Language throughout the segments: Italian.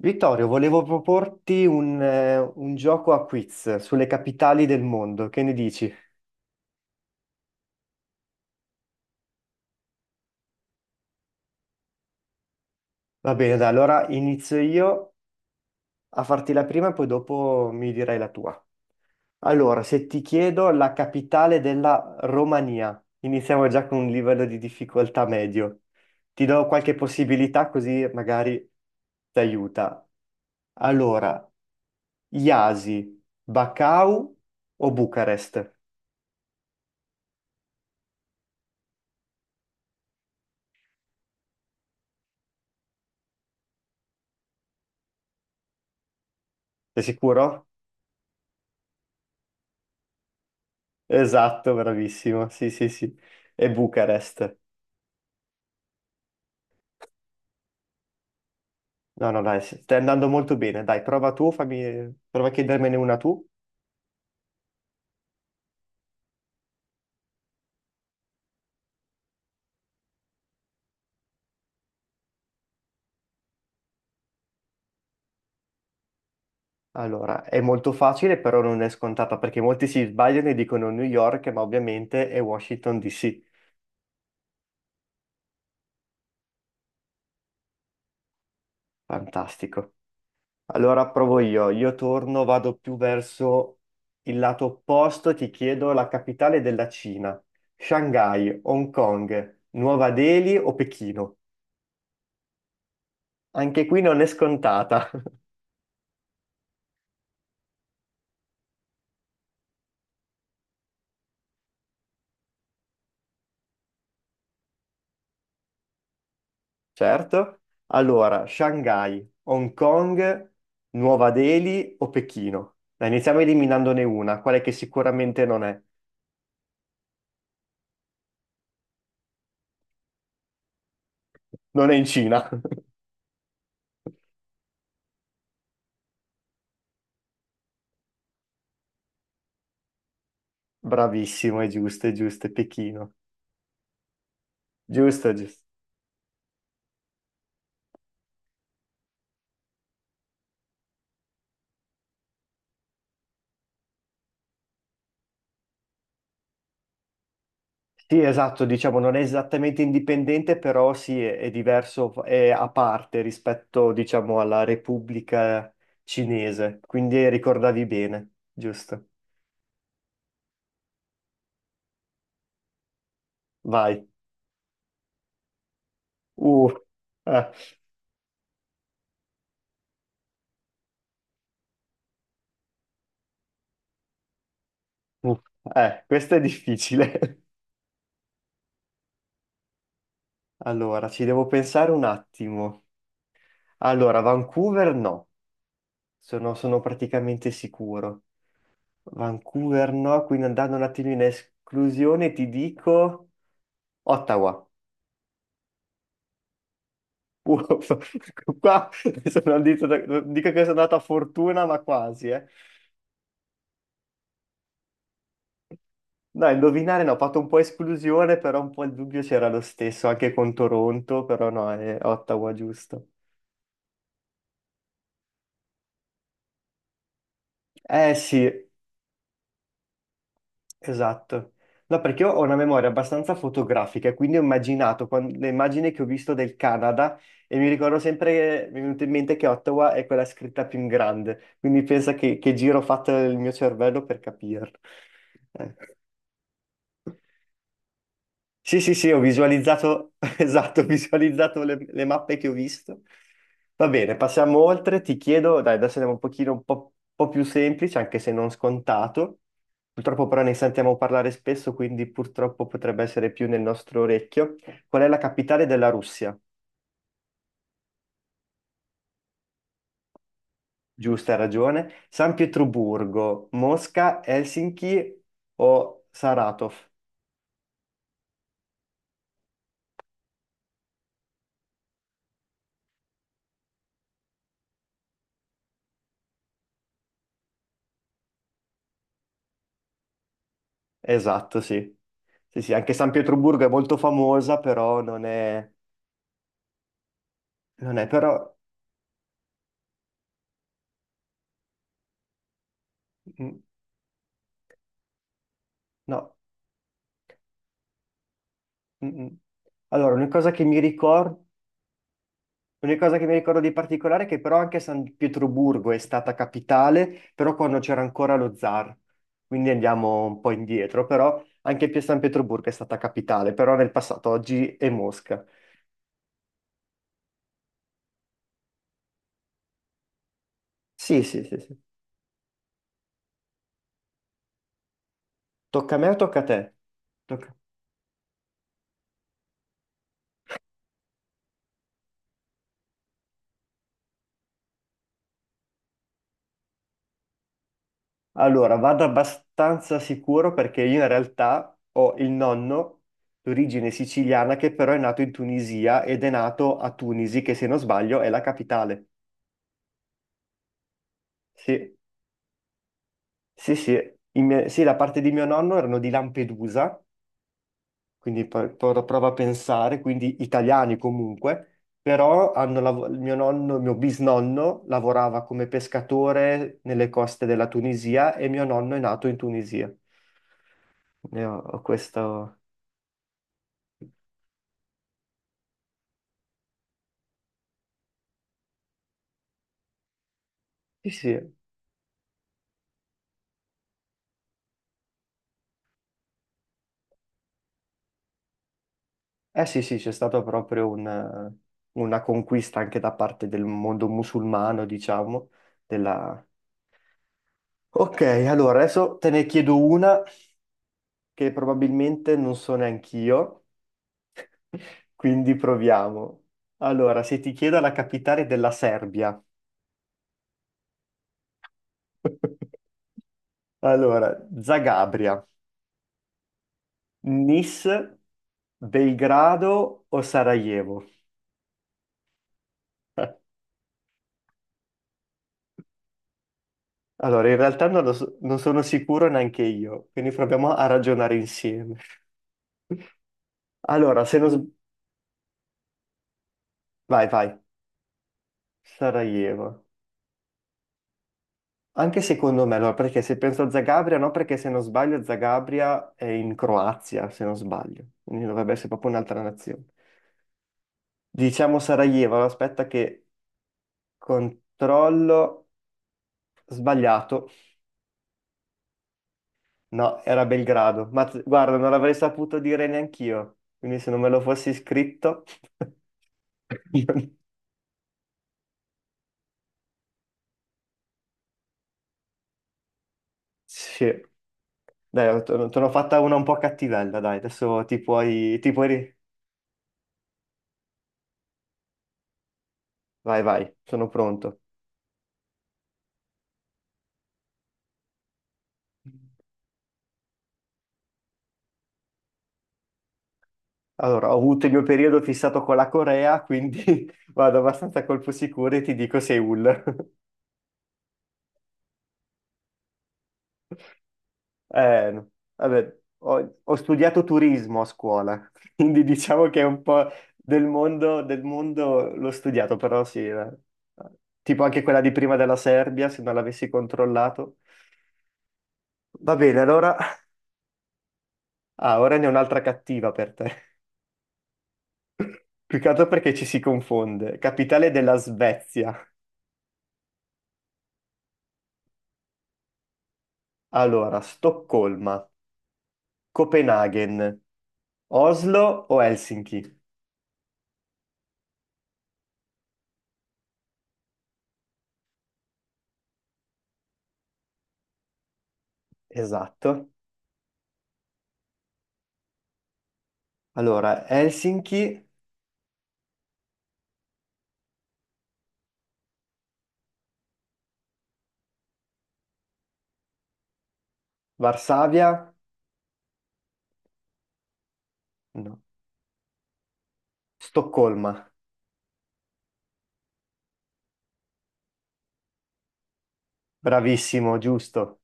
Vittorio, volevo proporti un gioco a quiz sulle capitali del mondo, che ne dici? Va bene, dai, allora inizio io a farti la prima e poi dopo mi dirai la tua. Allora, se ti chiedo la capitale della Romania, iniziamo già con un livello di difficoltà medio. Ti do qualche possibilità così magari ti aiuta. Allora, Iasi, Bacău o Bucarest? Sei sicuro? Esatto, bravissimo. Sì, sì, sì. E Bucarest. No, no, dai, sì, stai andando molto bene. Dai, prova tu, fammi... prova a chiedermene una tu. Allora, è molto facile, però non è scontata, perché molti si sbagliano e dicono New York, ma ovviamente è Washington DC. Fantastico. Allora provo io. Io torno, vado più verso il lato opposto, ti chiedo la capitale della Cina. Shanghai, Hong Kong, Nuova Delhi o Pechino? Anche qui non è scontata. Certo. Allora, Shanghai, Hong Kong, Nuova Delhi o Pechino? Dai, iniziamo eliminandone una, quale che sicuramente non è. Non è in Cina. Bravissimo, è giusto, è giusto, è Pechino. Giusto, giusto. Sì, esatto, diciamo, non è esattamente indipendente, però sì, è diverso, è a parte rispetto, diciamo, alla Repubblica Cinese. Quindi ricordavi bene, giusto. Vai. Uh, eh, uh, questo è difficile. Allora, ci devo pensare un attimo. Allora, Vancouver no, sono praticamente sicuro. Vancouver no, quindi andando un attimo in esclusione ti dico Ottawa. Uff, qua sono non dico che sono andato a fortuna, ma quasi, eh. No, indovinare no, ho fatto un po' esclusione, però un po' il dubbio c'era lo stesso, anche con Toronto, però no, è Ottawa giusto. Eh sì, esatto. No, perché io ho una memoria abbastanza fotografica, e quindi ho immaginato le immagini che ho visto del Canada e mi ricordo sempre, mi è venuto in mente che Ottawa è quella scritta più in grande, quindi pensa che giro ho fatto il mio cervello per capirlo. Eh. Sì, sì, sì, ho visualizzato, esatto, ho visualizzato le mappe che ho visto. Va bene, passiamo oltre. Ti chiedo, dai, adesso andiamo un po' più semplice, anche se non scontato. Purtroppo però ne sentiamo parlare spesso, quindi purtroppo potrebbe essere più nel nostro orecchio. Qual è la capitale della Russia? Giusto, hai ragione. San Pietroburgo, Mosca, Helsinki o Saratov? Esatto, sì. Sì, sì, anche San Pietroburgo è molto famosa, però non è... Non è, però mm, no. Mm, mm. Allora, una cosa che mi ricordo di particolare è che però anche San Pietroburgo è stata capitale, però quando c'era ancora lo zar. Quindi andiamo un po' indietro, però anche San Pietroburgo è stata capitale, però nel passato oggi è Mosca. Sì, sì, sì, sì. Tocca a me o tocca a te? Tocca. Allora, vado abbastanza sicuro perché io in realtà ho il nonno d'origine siciliana che però è nato in Tunisia ed è nato a Tunisi, che se non sbaglio è la capitale. Sì, sì, sì. Sì, la parte di mio nonno erano di Lampedusa, quindi prova a pensare, quindi italiani comunque, però il mio nonno, il mio bisnonno lavorava come pescatore nelle coste della Tunisia e mio nonno è nato in Tunisia. Ne ho questo. Sì, sì. Eh sì, sì, c'è stata proprio una conquista anche da parte del mondo musulmano, diciamo, della... Ok, allora adesso te ne chiedo una che probabilmente non so neanch'io, quindi proviamo. Allora, se ti chiedo la capitale della Serbia, allora, Zagabria, Nis, Belgrado o Sarajevo? Allora, in realtà non, lo so- non sono sicuro neanche io, quindi proviamo a ragionare insieme. Allora, se non... s- Vai, vai, Sarajevo. Anche secondo me, allora, perché se penso a Zagabria, no, perché se non sbaglio Zagabria è in Croazia, se non sbaglio, quindi dovrebbe essere proprio un'altra nazione. Diciamo Sarajevo, allora, aspetta che controllo... Sbagliato. No, era Belgrado. Ma guarda, non l'avrei saputo dire neanch'io, quindi se non me lo fossi scritto... Sì, dai, te l'ho fatta una un po' cattivella, dai, adesso ti puoi, Vai, vai, sono pronto. Allora, ho avuto il mio periodo fissato con la Corea, quindi vado abbastanza a colpo sicuro e ti dico Seoul. No. Vabbè, ho studiato turismo a scuola, quindi diciamo che è un po' del mondo l'ho studiato, però sì, eh. Tipo anche quella di prima della Serbia, se non l'avessi controllato. Va bene, allora... Ah, ora ne ho un'altra cattiva per te. Più che altro perché ci si confonde. Capitale della Svezia. Allora, Stoccolma, Copenaghen, Oslo o Helsinki? Esatto. Allora, Helsinki, Varsavia, no. Stoccolma. Bravissimo, giusto.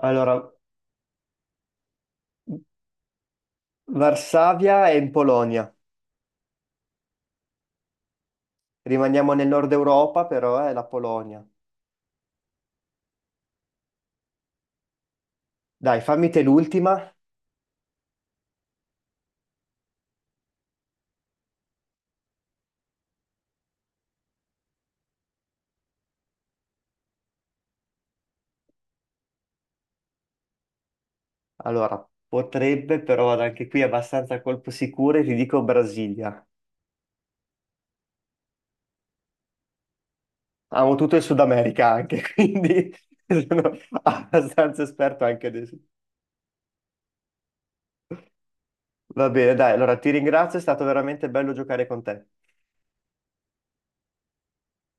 Allora, Varsavia è in Polonia. Rimaniamo nel nord Europa, però è la Polonia. Dai, fammi te l'ultima. Allora, potrebbe, però vado anche qui abbastanza a colpo sicuro e ti dico Brasilia. Amo tutto il Sud America anche, quindi sono abbastanza esperto anche adesso. Va bene, dai, allora ti ringrazio, è stato veramente bello giocare con te.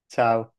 Ciao.